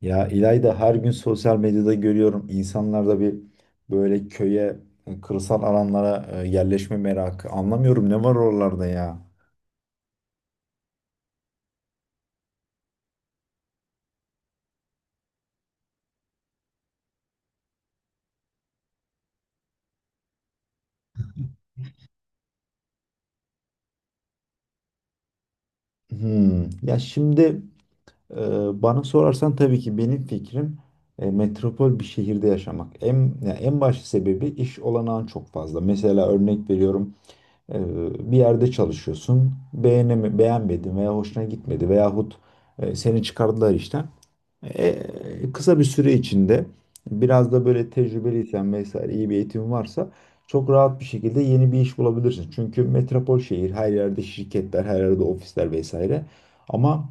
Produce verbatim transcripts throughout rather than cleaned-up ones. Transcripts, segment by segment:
Ya İlayda, her gün sosyal medyada görüyorum, insanlarda bir böyle köye, e, kırsal alanlara e, yerleşme merakı. Anlamıyorum, ne var oralarda ya. Hmm. Ya şimdi, e, bana sorarsan tabii ki benim fikrim e, metropol bir şehirde yaşamak. En, ya en baş sebebi iş olanağın çok fazla. Mesela örnek veriyorum, e, bir yerde çalışıyorsun, beğenemi, beğenmedin veya hoşuna gitmedi veyahut e, seni çıkardılar işten. E, kısa bir süre içinde biraz da böyle tecrübeliysen vesaire, iyi bir eğitim varsa çok rahat bir şekilde yeni bir iş bulabilirsin. Çünkü metropol şehir, her yerde şirketler, her yerde ofisler vesaire. Ama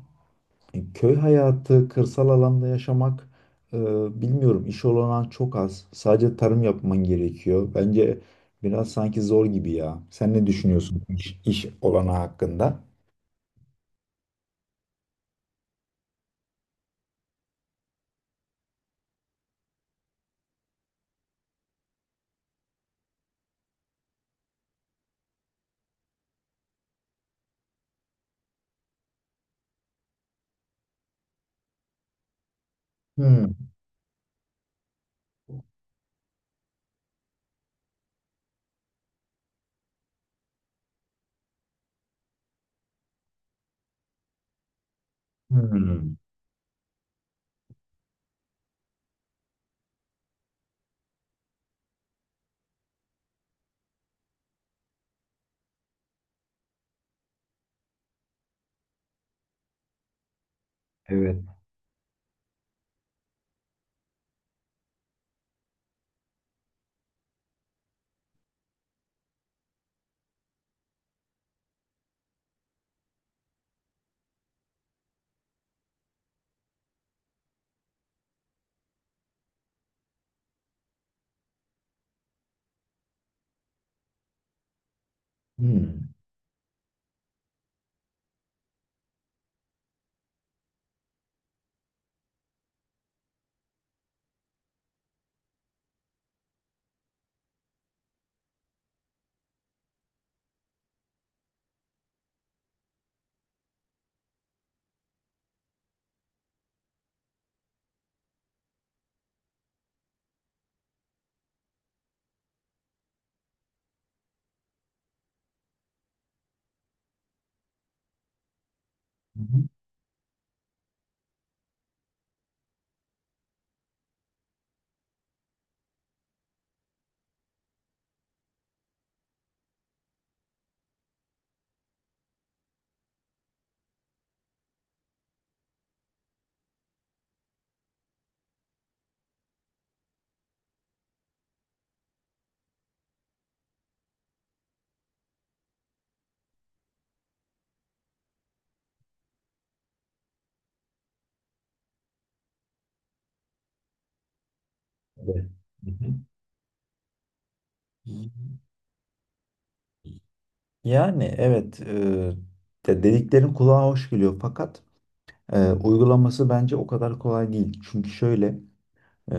köy hayatı, kırsal alanda yaşamak, e, bilmiyorum, iş olanağı çok az. Sadece tarım yapman gerekiyor. Bence biraz sanki zor gibi ya. Sen ne düşünüyorsun iş, iş olanağı hakkında? Hmm. Hmm. Evet. Hmm. Hı hı. Evet. Hı hı. Yani evet, e, de- dediklerin kulağa hoş geliyor, fakat e, uygulaması bence o kadar kolay değil. Çünkü şöyle, e,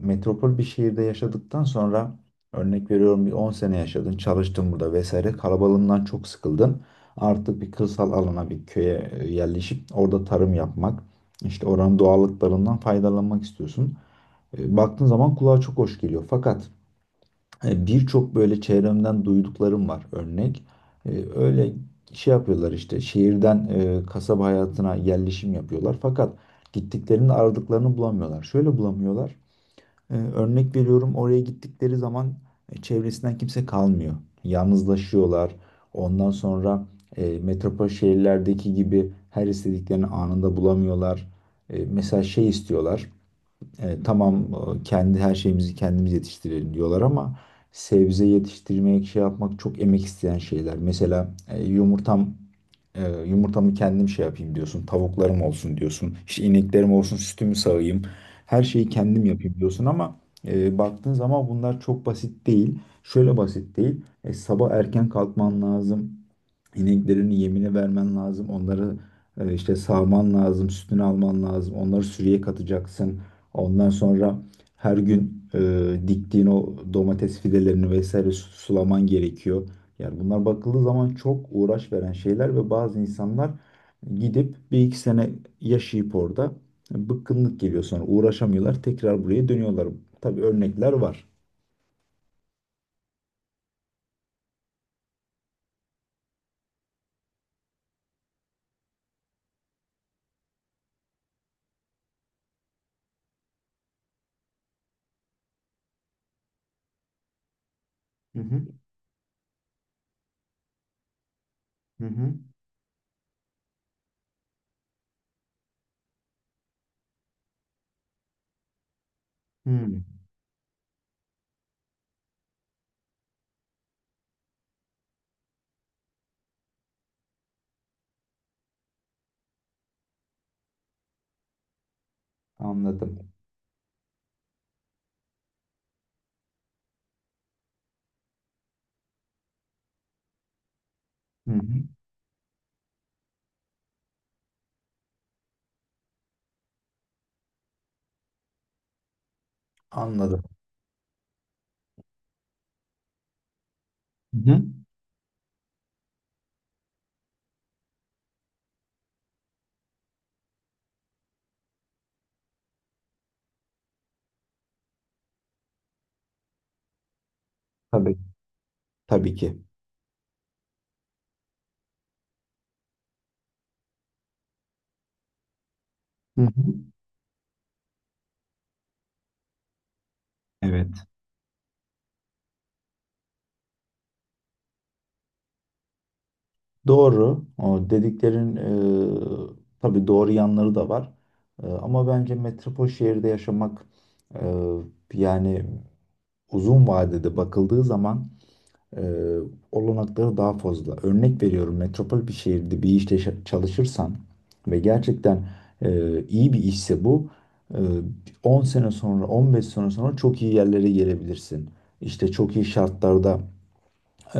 metropol bir şehirde yaşadıktan sonra, örnek veriyorum, bir on sene yaşadın, çalıştın burada vesaire, kalabalığından çok sıkıldın. Artık bir kırsal alana, bir köye e, yerleşip orada tarım yapmak, işte oranın doğallıklarından faydalanmak istiyorsun. E, baktığın zaman kulağa çok hoş geliyor, fakat hani birçok böyle çevremden duyduklarım var, örnek. Ee, öyle şey yapıyorlar, işte şehirden e, kasaba hayatına yerleşim yapıyorlar. Fakat gittiklerinde aradıklarını bulamıyorlar. Şöyle bulamıyorlar. Ee, örnek veriyorum, oraya gittikleri zaman e, çevresinden kimse kalmıyor. Yalnızlaşıyorlar. Ondan sonra e, metropol şehirlerdeki gibi her istediklerini anında bulamıyorlar. E, mesela şey istiyorlar. E, tamam, e, kendi her şeyimizi kendimiz yetiştirelim diyorlar ama sebze yetiştirmek, şey yapmak çok emek isteyen şeyler. Mesela e, yumurtam e, yumurtamı kendim şey yapayım diyorsun. Tavuklarım olsun diyorsun. İşte ineklerim olsun, sütümü sağayım. Her şeyi kendim yapayım diyorsun ama e, baktığın zaman bunlar çok basit değil. Şöyle basit değil. E, sabah erken kalkman lazım. İneklerini yemine vermen lazım. Onları e, işte sağman lazım, sütünü alman lazım. Onları sürüye katacaksın. Ondan sonra her gün e, diktiğin o domates fidelerini vesaire su- sulaman gerekiyor. Yani bunlar bakıldığı zaman çok uğraş veren şeyler ve bazı insanlar gidip bir iki sene yaşayıp orada bıkkınlık geliyor, sonra uğraşamıyorlar, tekrar buraya dönüyorlar. Tabii örnekler var. Hı hı. Hı hı. Hı. Anladım. Hı hı. Anladım. Hı hı. Tabii, tabii ki. Hı hı. Evet. Doğru. O dediklerin, e, tabii doğru yanları da var. E, ama bence metropol şehirde yaşamak, e, yani uzun vadede bakıldığı zaman e, olanakları daha fazla. Örnek veriyorum, metropol bir şehirde bir işte şa- çalışırsan ve gerçekten e, iyi bir işse bu, e, on sene sonra, on beş sene sonra çok iyi yerlere gelebilirsin. İşte çok iyi şartlarda e,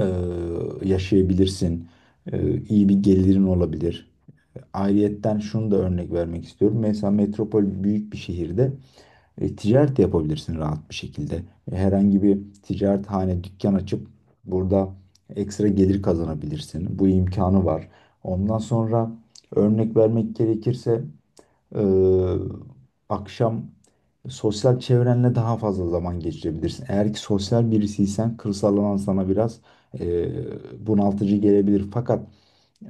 yaşayabilirsin. E, iyi bir gelirin olabilir. Ayrıyetten şunu da örnek vermek istiyorum. Mesela metropol büyük bir şehirde e, ticaret de yapabilirsin rahat bir şekilde. E, herhangi bir ticarethane, dükkan açıp burada ekstra gelir kazanabilirsin. Bu imkanı var. Ondan sonra örnek vermek gerekirse ee, akşam sosyal çevrenle daha fazla zaman geçirebilirsin. Eğer ki sosyal birisiysen kırsaldan sana biraz e, bunaltıcı gelebilir. Fakat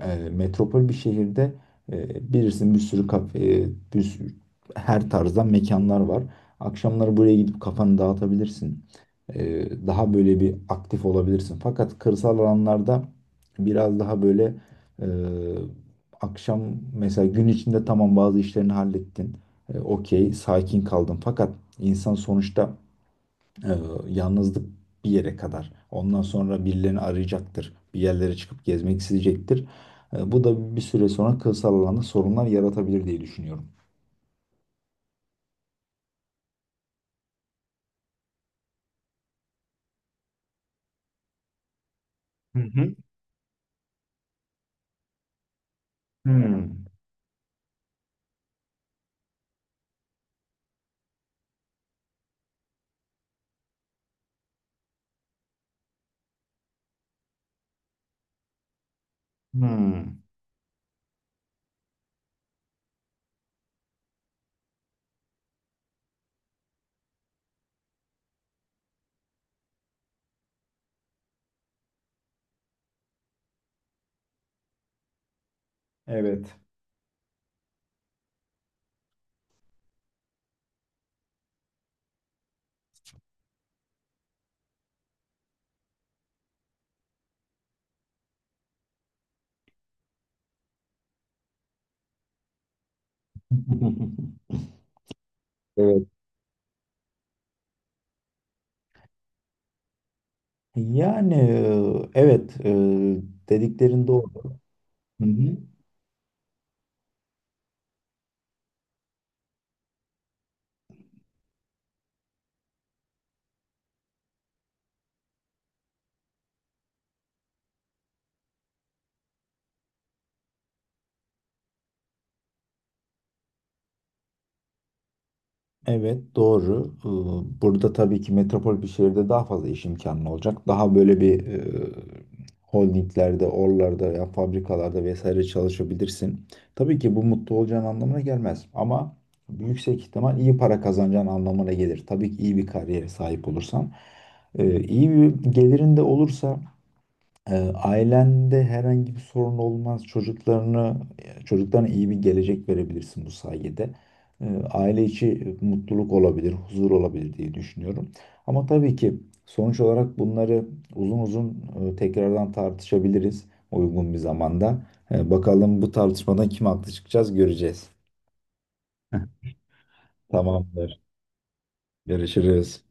yani metropol bir şehirde e, bilirsin, bir sürü kafe, e, bir sürü, her tarzdan mekanlar var. Akşamları buraya gidip kafanı dağıtabilirsin. E, Daha böyle bir aktif olabilirsin. Fakat kırsal alanlarda biraz daha böyle, e, akşam, mesela gün içinde tamam bazı işlerini hallettin. E, okey, sakin kaldın. Fakat insan sonuçta, ee, yalnızlık bir yere kadar. Ondan sonra birilerini arayacaktır. Bir yerlere çıkıp gezmek isteyecektir. Ee, bu da bir süre sonra kırsal alanda sorunlar yaratabilir diye düşünüyorum. Hı hı. Hmm. Hmm. Evet. Evet. Yani e, evet, e, dediklerin doğru. Hı hı. Evet, doğru. Ee, Burada tabii ki metropol bir şehirde daha fazla iş imkanı olacak. Daha böyle bir, e, holdinglerde, oralarda ya fabrikalarda vesaire çalışabilirsin. Tabii ki bu mutlu olacağın anlamına gelmez ama yüksek ihtimal iyi para kazanacağın anlamına gelir. Tabii ki iyi bir kariyere sahip olursan. Ee, iyi bir gelirin de olursa e, ailende herhangi bir sorun olmaz. Çocuklarını, çocuklarına iyi bir gelecek verebilirsin bu sayede. E, aile içi mutluluk olabilir, huzur olabilir diye düşünüyorum. Ama tabii ki sonuç olarak bunları uzun uzun e, tekrardan tartışabiliriz uygun bir zamanda. E, bakalım bu tartışmadan kim haklı çıkacağız, göreceğiz. Tamamdır. Görüşürüz.